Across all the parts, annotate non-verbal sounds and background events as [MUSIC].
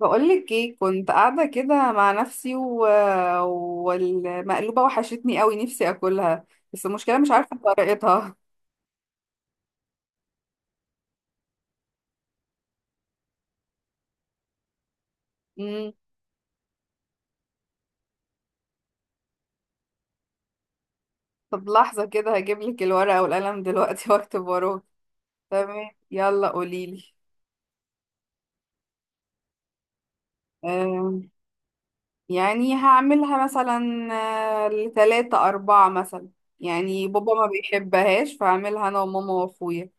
بقولك ايه كنت قاعدة كده مع نفسي والمقلوبة وحشتني قوي، نفسي اكلها. بس المشكلة مش عارفة طريقتها. مم. طب لحظة كده هجيبلك الورقة والقلم دلوقتي [LAUGHS] واكتب وراك. تمام، يلا قوليلي. أم، يعني هعملها مثلا ل 3 4 مثلا. يعني بابا ما بيحبهاش، فهعملها أنا وماما وأخويا.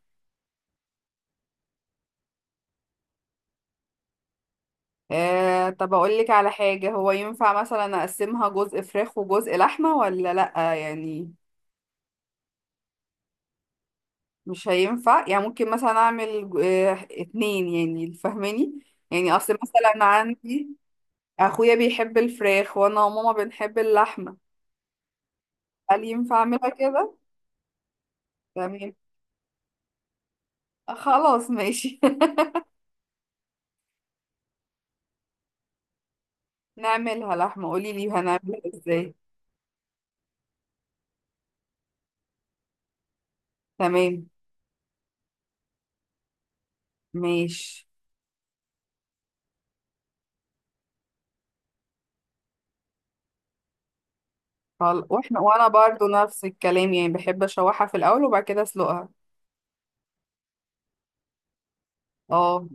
أه، طب أقولك على حاجة، هو ينفع مثلا أقسمها جزء فراخ وجزء لحمة ولا لأ يعني؟ مش هينفع يعني، ممكن مثلا اعمل 2، يعني فاهماني؟ يعني اصل مثلا عندي اخويا بيحب الفراخ وانا وماما بنحب اللحمه. هل ينفع اعملها كده؟ تمام، خلاص ماشي. [LAUGHS] نعملها لحمه، قولي لي هنعملها ازاي. تمام ماشي. واحنا وانا برضو نفس الكلام، يعني بحب اشوحها في الاول وبعد كده اسلقها. اه.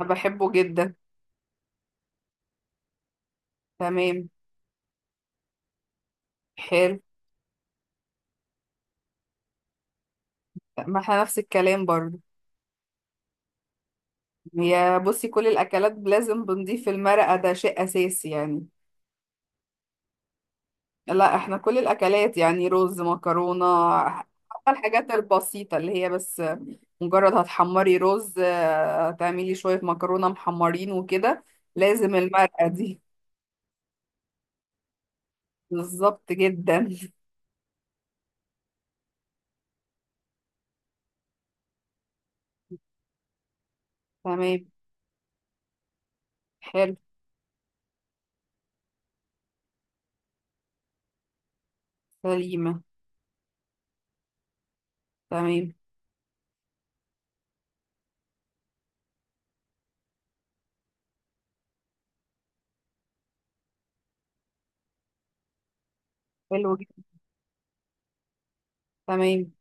أنا بحبه جدا. تمام. حلو. ما احنا نفس الكلام برضو. يا بصي، كل الاكلات لازم بنضيف المرقه، ده شيء اساسي يعني. لا احنا كل الاكلات، يعني رز، مكرونه، حتى الحاجات البسيطه اللي هي بس مجرد هتحمري رز، تعملي شويه مكرونه محمرين وكده، لازم المرقه دي. بالظبط جدا. تمام. حلو. سليمه. تمام. حلو جدا. تمام،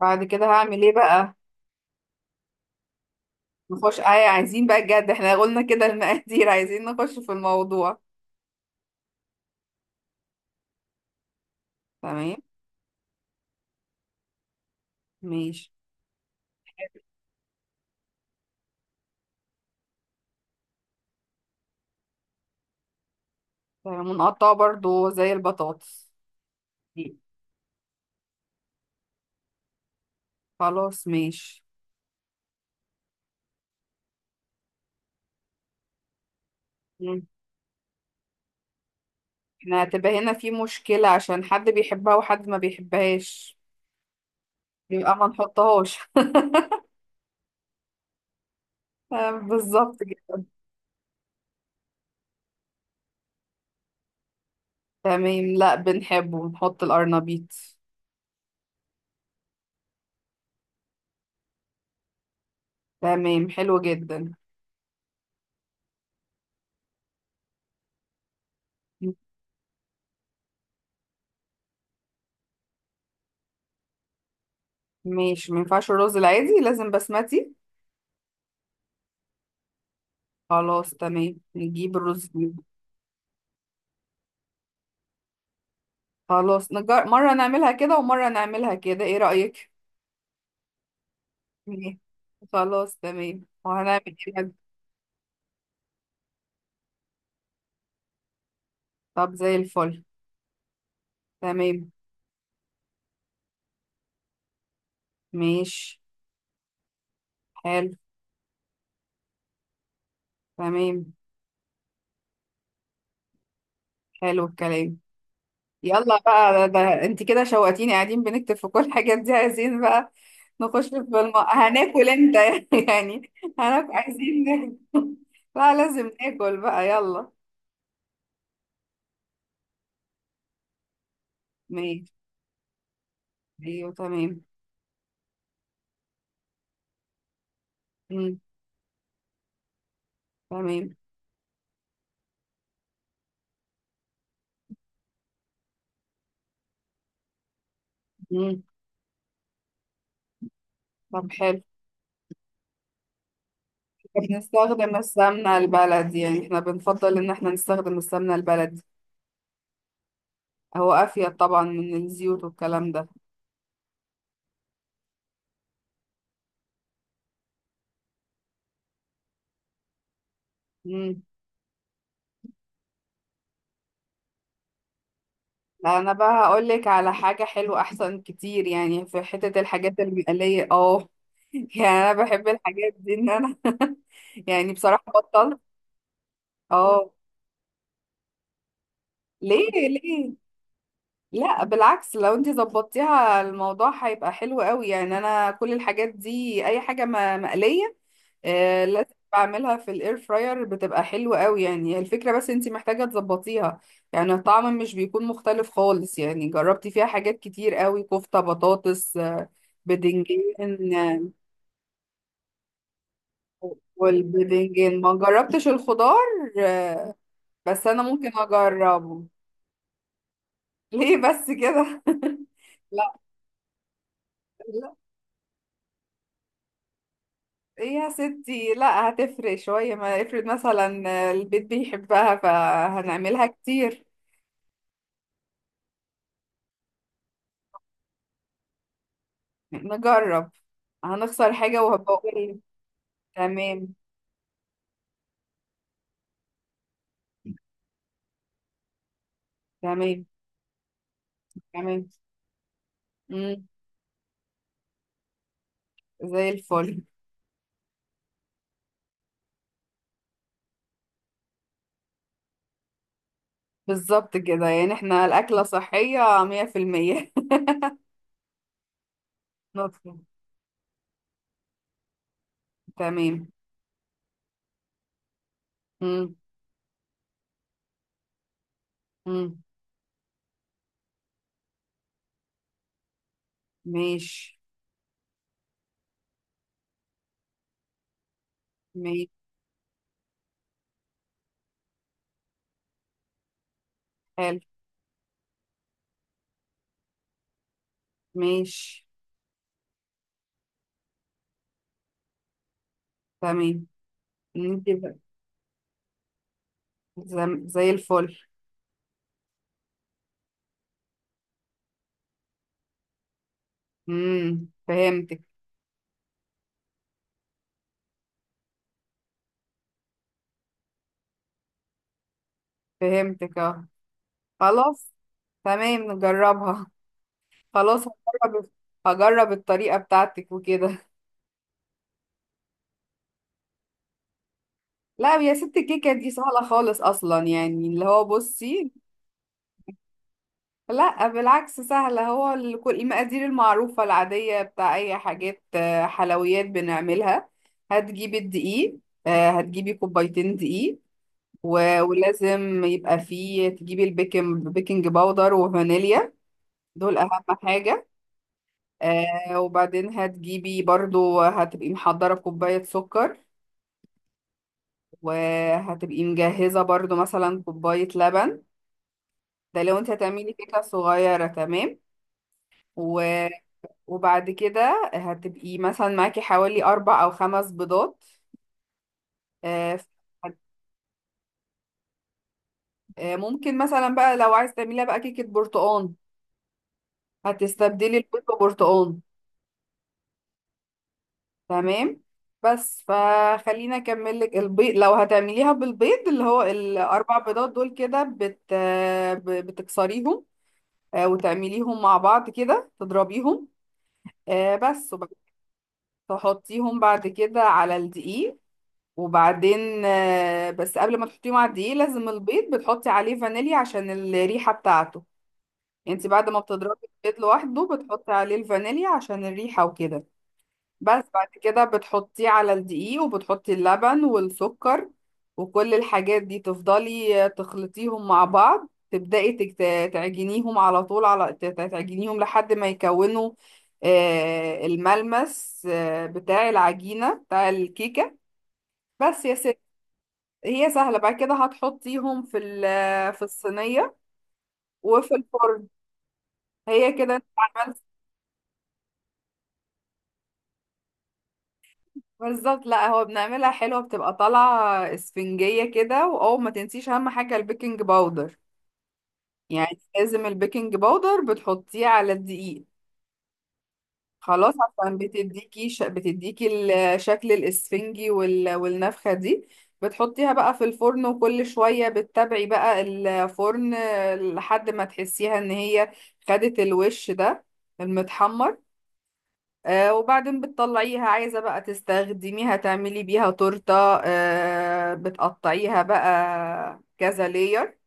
بعد كده هعمل ايه بقى؟ نخش آه. عايزين بقى بجد، احنا قلنا كده المقادير، عايزين نخش في الموضوع. تمام. ماشي. منقطعة برضو زي البطاطس دي. خلاص ماشي. مم. احنا هتبقى هنا في مشكلة عشان حد بيحبها وحد ما بيحبهاش. يبقى ما نحطهاش. [LAUGHS] بالظبط كده. تمام، لا بنحبه، نحط القرنبيط. تمام، حلو جدا. م- ماشي. ما ينفعش الرز العادي، لازم بسمتي. خلاص تمام، نجيب الرز دي. خلاص، مرة نعملها كده ومرة نعملها كده، ايه رأيك؟ مم. خلاص تمام، وهنعمل كده. طب زي الفل. تمام. ماشي. حلو. تمام. حلو الكلام. يلا بقى، ده انت كده شوقتيني، قاعدين بنكتب في كل الحاجات دي، عايزين بقى هناكل امتى [LAUGHS] يعني؟ هناكل، عايزين ناكل. [LAUGHS] لا لازم ناكل بقى، يلا. ماشي. ايوه تمام. مم. تمام. مم. طب حلو. بنستخدم السمنة البلدي، يعني احنا بنفضل ان احنا نستخدم السمنة البلدي. هو افيد طبعا من الزيوت والكلام ده. مم. لا انا بقى هقول لك على حاجه حلوه احسن كتير، يعني في حته الحاجات المقليه اه [LAUGHS] يعني انا بحب الحاجات دي ان انا [LAUGHS] يعني بصراحه بطلت. اه. ليه ليه؟ لا بالعكس، لو انت ظبطتيها الموضوع هيبقى حلو قوي. يعني انا كل الحاجات دي اي حاجه مقليه، آه، لازم بعملها في الاير فراير بتبقى حلوة قوي. يعني هي الفكرة، بس انتي محتاجة تظبطيها. يعني الطعم مش بيكون مختلف خالص. يعني جربتي فيها حاجات كتير قوي: كفتة، بطاطس، بدنجان، والبدنجان ما جربتش الخضار. بس انا ممكن اجربه. [LAUGHS] ليه بس كده؟ [LAUGHS] لا لا، ايه يا ستي! لا هتفرق شوية. ما افرض مثلا البيت بيحبها، فهنعملها كتير. نجرب. هنخسر حاجة وهبقول. تمام. تمام. تمام. مم. زي الفل. بالظبط كده، يعني احنا الأكلة صحية 100%. [LAUGHS] نطلع. تمام. مم. مم. ماشي. ماشي. حلو. ماشي. تمام. انت بقى، زي الفل. مم. فهمتك. فهمتك اه. خلاص تمام، نجربها. [LAUGHS] خلاص. هجرب. هجرب الطريقة بتاعتك وكده. لا يا ست، الكيكة دي سهلة خالص أصلا. يعني اللي هو بصي، لا بالعكس سهلة. هو كل المقادير المعروفة العادية بتاع أي حاجات حلويات بنعملها. هتجيبي الدقيق، هتجيبي 2 كوباية دقيق. ولازم يبقى فيه، تجيبي بيكنج باودر وفانيليا. دول أهم حاجة. وبعدين هتجيبي برضو، هتبقي محضرة كوباية سكر، وهتبقي مجهزة برضو مثلا كوباية لبن. ده لو انت هتعملي كيكة صغيرة. تمام. و... وبعد كده هتبقي مثلا معاكي حوالي 4 أو 5 بيضات. آه، ف- هت- ممكن مثلا بقى لو عايز تعمليها بقى كيكة برتقال، هتستبدلي البيض ببرتقال. تمام. بس فخلينا أكمل لك البيض. لو هتعمليها بالبيض، اللي هو ال 4 بيضات دول كده بتكسريهم، وتعمليهم مع بعض كده تضربيهم. بس تحطيهم بعد كده على الدقيق. وبعدين بس قبل ما تحطيهم على الدقيق لازم البيض بتحطي عليه فانيليا عشان الريحة بتاعته. انت بعد ما بتضربي البيض لوحده بتحطي عليه الفانيليا عشان الريحة وكده. بس بعد كده بتحطيه على الدقيق وبتحطي اللبن والسكر. وكل الحاجات دي تفضلي تخلطيهم مع بعض، تبدأي تعجنيهم على طول، تعجنيهم لحد ما يكونوا الملمس بتاع العجينة بتاع الكيكة، بس يا ستي. هي سهلة. بعد كده هتحطيهم في الصينية وفي الفرن. هي كده انت عملت. بالظبط. لا هو بنعملها حلوة، بتبقى طالعة اسفنجية كده. واول ما تنسيش اهم حاجة البيكنج باودر، يعني لازم البيكنج باودر بتحطيه على الدقيق. خلاص. عشان بتديكي الشكل الاسفنجي والنفخة دي. بتحطيها بقى في الفرن وكل شوية بتتابعي بقى الفرن لحد ما تحسيها ان هي خدت الوش ده المتحمر. آه. وبعدين بتطلعيها، عايزة بقى تستخدميها تعملي بيها تورتة. آه، بتقطعيها بقى كذا لير،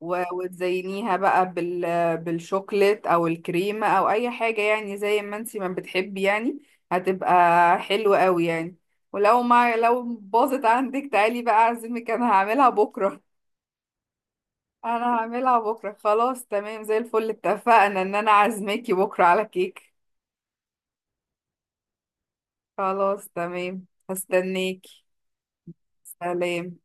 وتزينيها بقى بالشوكليت او الكريمة او اي حاجة، يعني زي ما انتي ما بتحبي يعني. هتبقى حلوة قوي يعني. ولو ما لو باظت عندك تعالي بقى اعزمك، انا هعملها بكرة. انا هعملها بكرة، خلاص تمام، زي الفل. اتفقنا ان انا عازماكي بكرة على كيك. خلاص تمام، هستناكي. سلام.